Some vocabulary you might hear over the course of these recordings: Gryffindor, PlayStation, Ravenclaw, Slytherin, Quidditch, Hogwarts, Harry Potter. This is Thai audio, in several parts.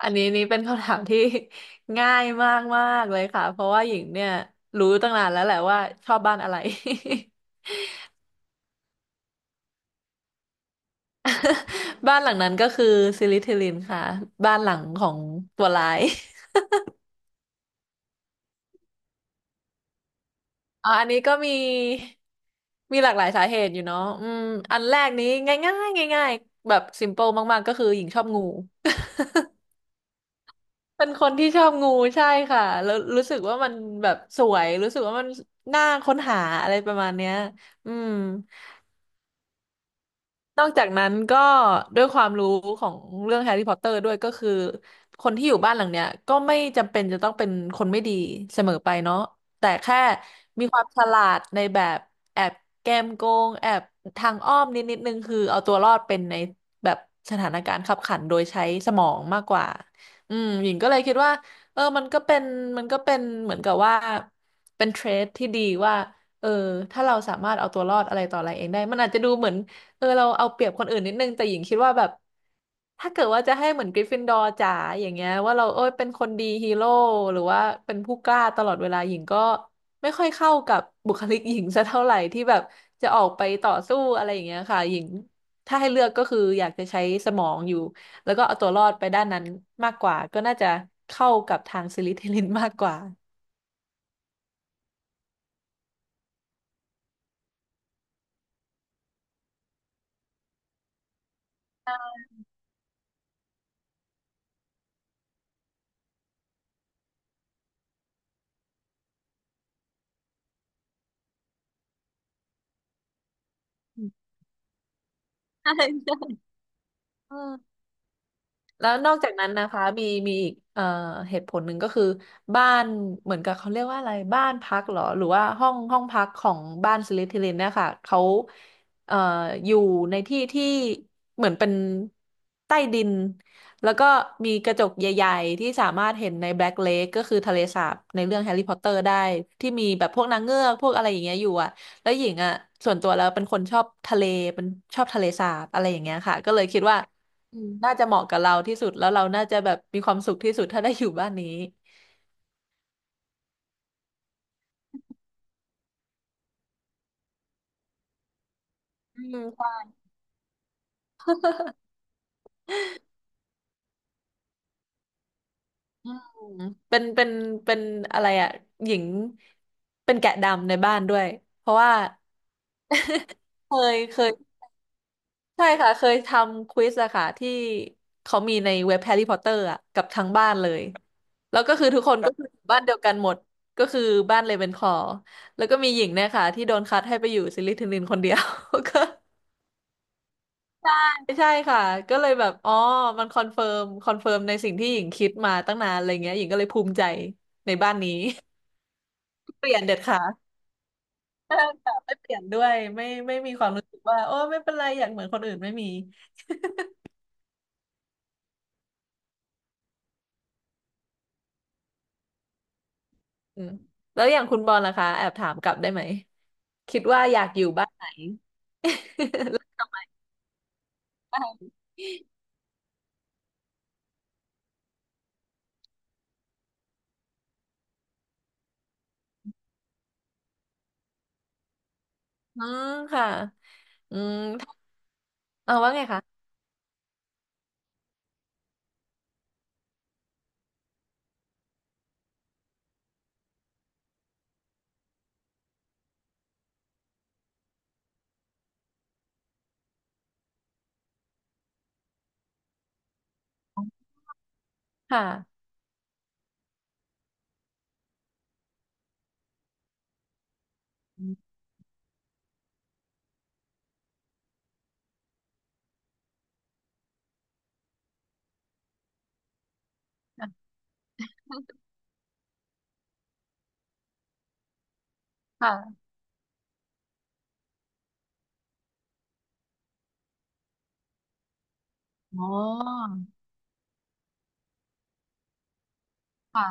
อันนี้นี่เป็นคำถามที่ ง่ายมากมากเลยค่ะเพราะว่าหญิงเนี่ยรู้ตั้งนานแล้วแหละว่าชอบบ้านอะไร บ้านหลังนั้นก็คือซิลิทิลินค่ะบ้านหลังของตัวร้าย อ๋ออันนี้ก็มีมีหลากหลายสาเหตุอยู่เนาะอืมอันแรกนี้ง่ายง่ายง่ายๆแบบซิมเปิลมากๆก็คือหญิงชอบงู เป็นคนที่ชอบงูใช่ค่ะแล้วรู้สึกว่ามันแบบสวยรู้สึกว่ามันน่าค้นหาอะไรประมาณเนี้ยอืม นอกจากนั้นก็ด้วยความรู้ของเรื่องแฮร์รี่พอตเตอร์ด้วยก็คือคนที่อยู่บ้านหลังเนี้ยก็ไม่จำเป็นจะต้องเป็นคนไม่ดีเสมอไปเนาะแต่แค่มีความฉลาดในแบบแอบแกมโกงแอบทางอ้อมนิดนิดนึงคือเอาตัวรอดเป็นในแบบสถานการณ์ขับขันโดยใช้สมองมากกว่าอืมหญิงก็เลยคิดว่าเออมันก็เป็นเหมือนกับว่าเป็นเทรดที่ดีว่าเออถ้าเราสามารถเอาตัวรอดอะไรต่ออะไรเองได้มันอาจจะดูเหมือน เออเราเอาเปรียบคนอื่นนิดนึงแต่หญิงคิดว่าแบบถ้าเกิดว่าจะให้เหมือนกริฟฟินดอร์จ๋าอย่างเงี้ยว่าเราเอ้ยเป็นคนดีฮีโร่หรือว่าเป็นผู้กล้าตลอดเวลาหญิงก็ไม่ค่อยเข้ากับบุคลิกหญิงสักเท่าไหร่ที่แบบจะออกไปต่อสู้อะไรอย่างเงี้ยค่ะหญิงถ้าให้เลือกก็คืออยากจะใช้สมองอยู่แล้วก็เอาตัวรอดไปด้านนั้นมากกว่าก็น่าจะเข้ากับทางซิลิเทลินมากกว่าอืมใช่ใช่เออ แล้วนอกจากนั้นนะคะมีอีกเหตุผลหนึ่งก็คือบ้านเหมือนกับเขาเรียกว่าอะไรบ้านพักเหรอหรือว่าห้องห้องพักของบ้านสลิธีรินเนี่ยค่ะเขาเอ่ออยู่ในที่ที่เหมือนเป็นใต้ดินแล้วก็มีกระจกใหญ่ๆที่สามารถเห็นในแบล็กเลคก็คือทะเลสาบในเรื่องแฮร์รี่พอตเตอร์ได้ที่มีแบบพวกนางเงือกพวกอะไรอย่างเงี้ยอยู่อะแล้วหญิงอ่ะส่วนตัวแล้วเป็นคนชอบทะเลเป็นชอบทะเลสาบอะไรอย่างเงี้ยค่ะก็เลยคิดว่า อืมน่าจะเหมาะกับเราที่สุดแล้วเราน่าจะแบบมีความสุขที่สุดถ้าได้อยู่บ้านนี้อืมความอืมเป็นเป็นเป็นอะไรอ่ะหญิงเป็นแกะดำในบ้านด้วยเพราะว่า เคยใช่ค่ะเคยทำควิสอะค่ะที่เขามีในเว็บแฮร์รี่พอตเตอร์อะกับทั้งบ้านเลยแล้วก็คือทุกคนก็คืออยู่บ้านเดียวกันหมดก็คือบ้านเลเวนคลอว์แล้วก็มีหญิงเนี่ยค่ะที่โดนคัดให้ไปอยู่ซิลิทิลินคนเดียว ก็ ไม่ใช่ค่ะก็เลยแบบอ๋อมันคอนเฟิร์มในสิ่งที่หญิงคิดมาตั้งนานอะไรเงี้ยหญิงก็เลยภูมิใจในบ้านนี้ เปลี่ยนเด็ดขาดใช่ค่ะไม่เปลี่ยนด้วยไม่มีความรู้สึกว่าโอ้ไม่เป็นไรอยากเหมือนคนอื่นไม่มีอืมแล้วอย่างคุณบอลล่ะคะแอบถามกลับได้ไหมคิดว่าอยากอยู่บ้านไหน อืมค่ะอืมเอาว่าไงคะค่ะอืมค่ะค่ะอ๋อค่ะ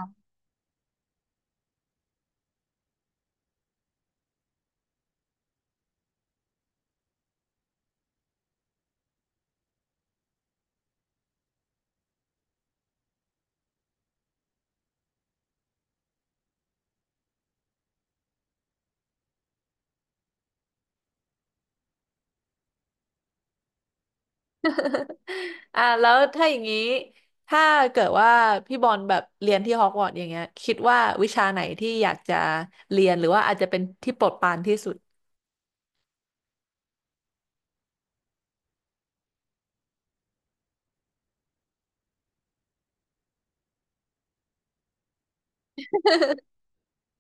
อ่ะแล้วถ้าอย่างนี้ถ้าเกิดว่าพี่บอลแบบเรียนที่ฮอกวอตส์อย่างเงี้ยคิดว่าวิชาไหนที่อยากจะเรียนหรือว่าอาจจะเป็นที่โปรดปรานที่สุด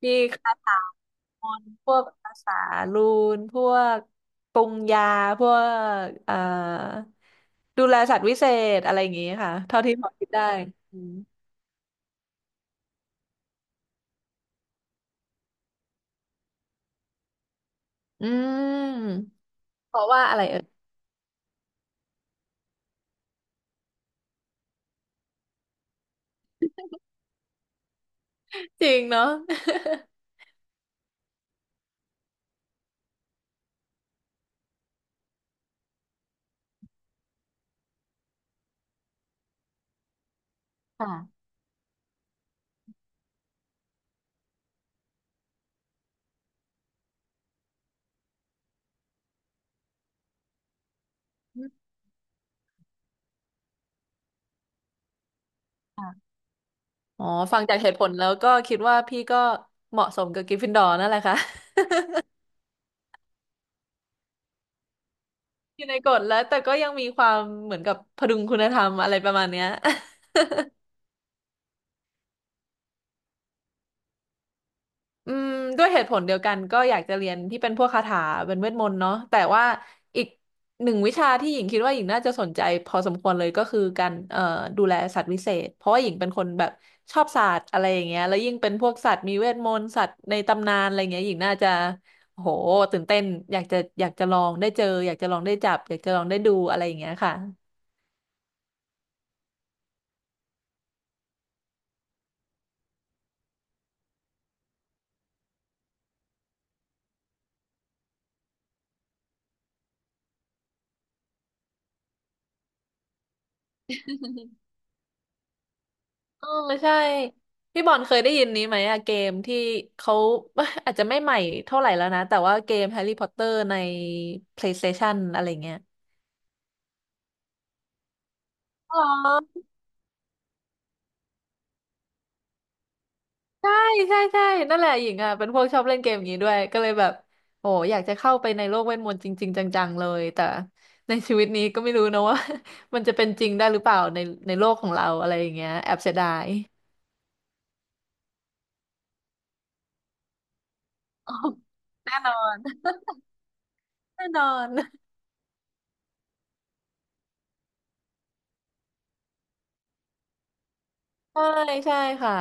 มีคาถามนต์พวกภาษารูนพวกปรุงยาพวกเอ่อดูแลสัตว์วิเศษอะไรอย่างงี้ค่ะเท่าที่พอคิดได้อืมอืมเพราะว่าอะไรเอ่ยจริงเนาะค่ะ อ๋อฟังจากเหตุผลแล้วก็คิดว่าพี่ก็เหมาะสมกับกริฟฟินดอร์นั่นแหละค่ะ อยู่ในกฎแล้วแต่ก็ยังมีความเหมือนกับพดุงคุณธรรมอะไรประมาณเนี้ย อืมด้วยเหตุผลเดียวกันก็อยากจะเรียนที่เป็นพวกคาถาเป็นเวทมนต์เนาะแต่ว่าอีกหนึ่งวิชาที่หญิงคิดว่าหญิงน่าจะสนใจพอสมควรเลยก็คือการดูแลสัตว์วิเศษเพราะว่าหญิงเป็นคนแบบชอบสัตว์อะไรอย่างเงี้ยแล้วยิ่งเป็นพวกสัตว์มีเวทมนต์สัตว์ในตำนานอะไรเงี้ยหญิงน่าจะโอ้โหตื่นเต้นอยากจะลองได้เจออยากจะลองได้จับอยากจะลองได้ดูอะไรอย่างเงี้ยค่ะ เออใช่พี่บอลเคยได้ยินนี้ไหมอะเกมที่เขา อาจจะไม่ใหม่เท่าไหร่แล้วนะแต่ว่าเกมแฮร์รี่พอตเตอร์ใน PlayStation อะไรเงี้ยอ๋อใช่ใช่ใช่นั่นแหละหญิงอ่ะเป็นพวกชอบเล่นเกมอย่างนี้ด้วยก็เลยแบบโอ้อยากจะเข้าไปในโลกเวทมนต์จริงๆจังๆเลยแต่ในชีวิตนี้ก็ไม่รู้นะว่า มันจะเป็นจริงได้หรือเปล่าในโลกของเราอะไรอย่างเงี้ยแอบเสียดาย อ๋อแน่นอนแน่นอน ใช่ใช่ค่ะ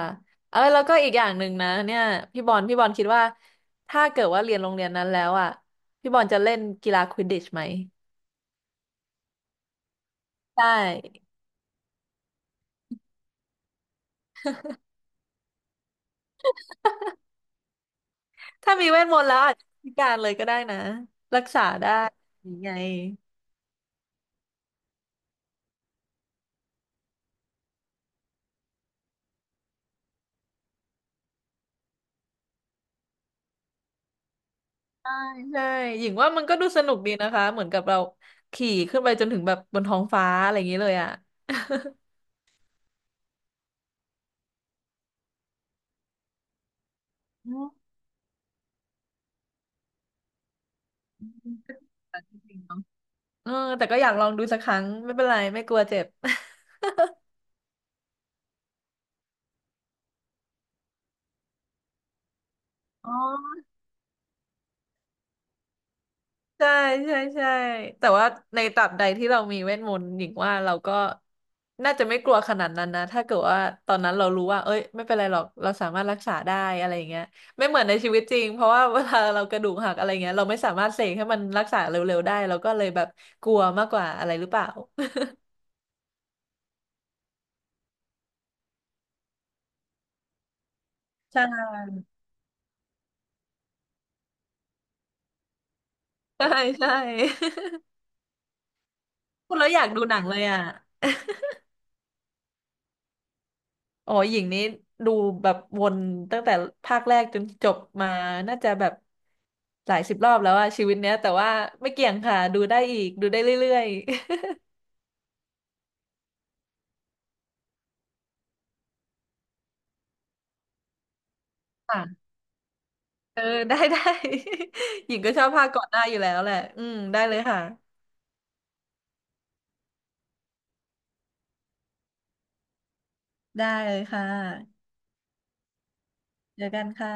เออแล้วก็อีกอย่างหนึ่งนะเนี่ยพี่บอลคิดว่าถ้าเกิดว่าเรียนโรงเรียนนั้นแล้วอ่ะพี่บอลจะเล่นกีฬาควิดดิชไหมใช่ถ้ามีเวทมนต์แล้วอาจจะพิการเลยก็ได้นะรักษาได้ยังไงใช่ใช่หญิงว่ามันก็ดูสนุกดีนะคะเหมือนกับเราขี่ขึ้นไปจนถึงแบบบนท้องฟ้าอะไรอย่างนี้เลยอ่ะ อืม จริงๆเนอะเออแต่ก็อยากลองดูสักครั้งไม่เป็นไรไม่กลัวเจ็บ อ๋อ ใช่ใช่ใช่แต่ว่าในตราบใดที่เรามีเวทมนต์หญิงว่าเราก็น่าจะไม่กลัวขนาดนั้นนะถ้าเกิดว่าตอนนั้นเรารู้ว่าเอ้ยไม่เป็นไรหรอกเราสามารถรักษาได้อะไรอย่างเงี้ยไม่เหมือนในชีวิตจริงเพราะว่า เวลาเรากระดูกหักอะไรเงี้ยเราไม่สามารถเสกให้มันรักษาเร็วๆได้เราก็เลยแบบกลัวมากกว่าอะไรหรือเปล่าใช่ ใช่ใช่ พูดแล้วอยากดูหนังเลยอ่ะ อ๋อหญิงนี้ดูแบบวนตั้งแต่ภาคแรกจนจบมาน่าจะแบบหลายสิบรอบแล้วอะชีวิตเนี้ยแต่ว่าไม่เกี่ยงค่ะดูได้อีกดูได้เรื่อยๆค่ะ เออได้ได้ หญิงก็ชอบภาคก่อนหน้าอยู่แล้วแหละอืมได้เลยค่ะได้เลยค่ะเจอกันค่ะ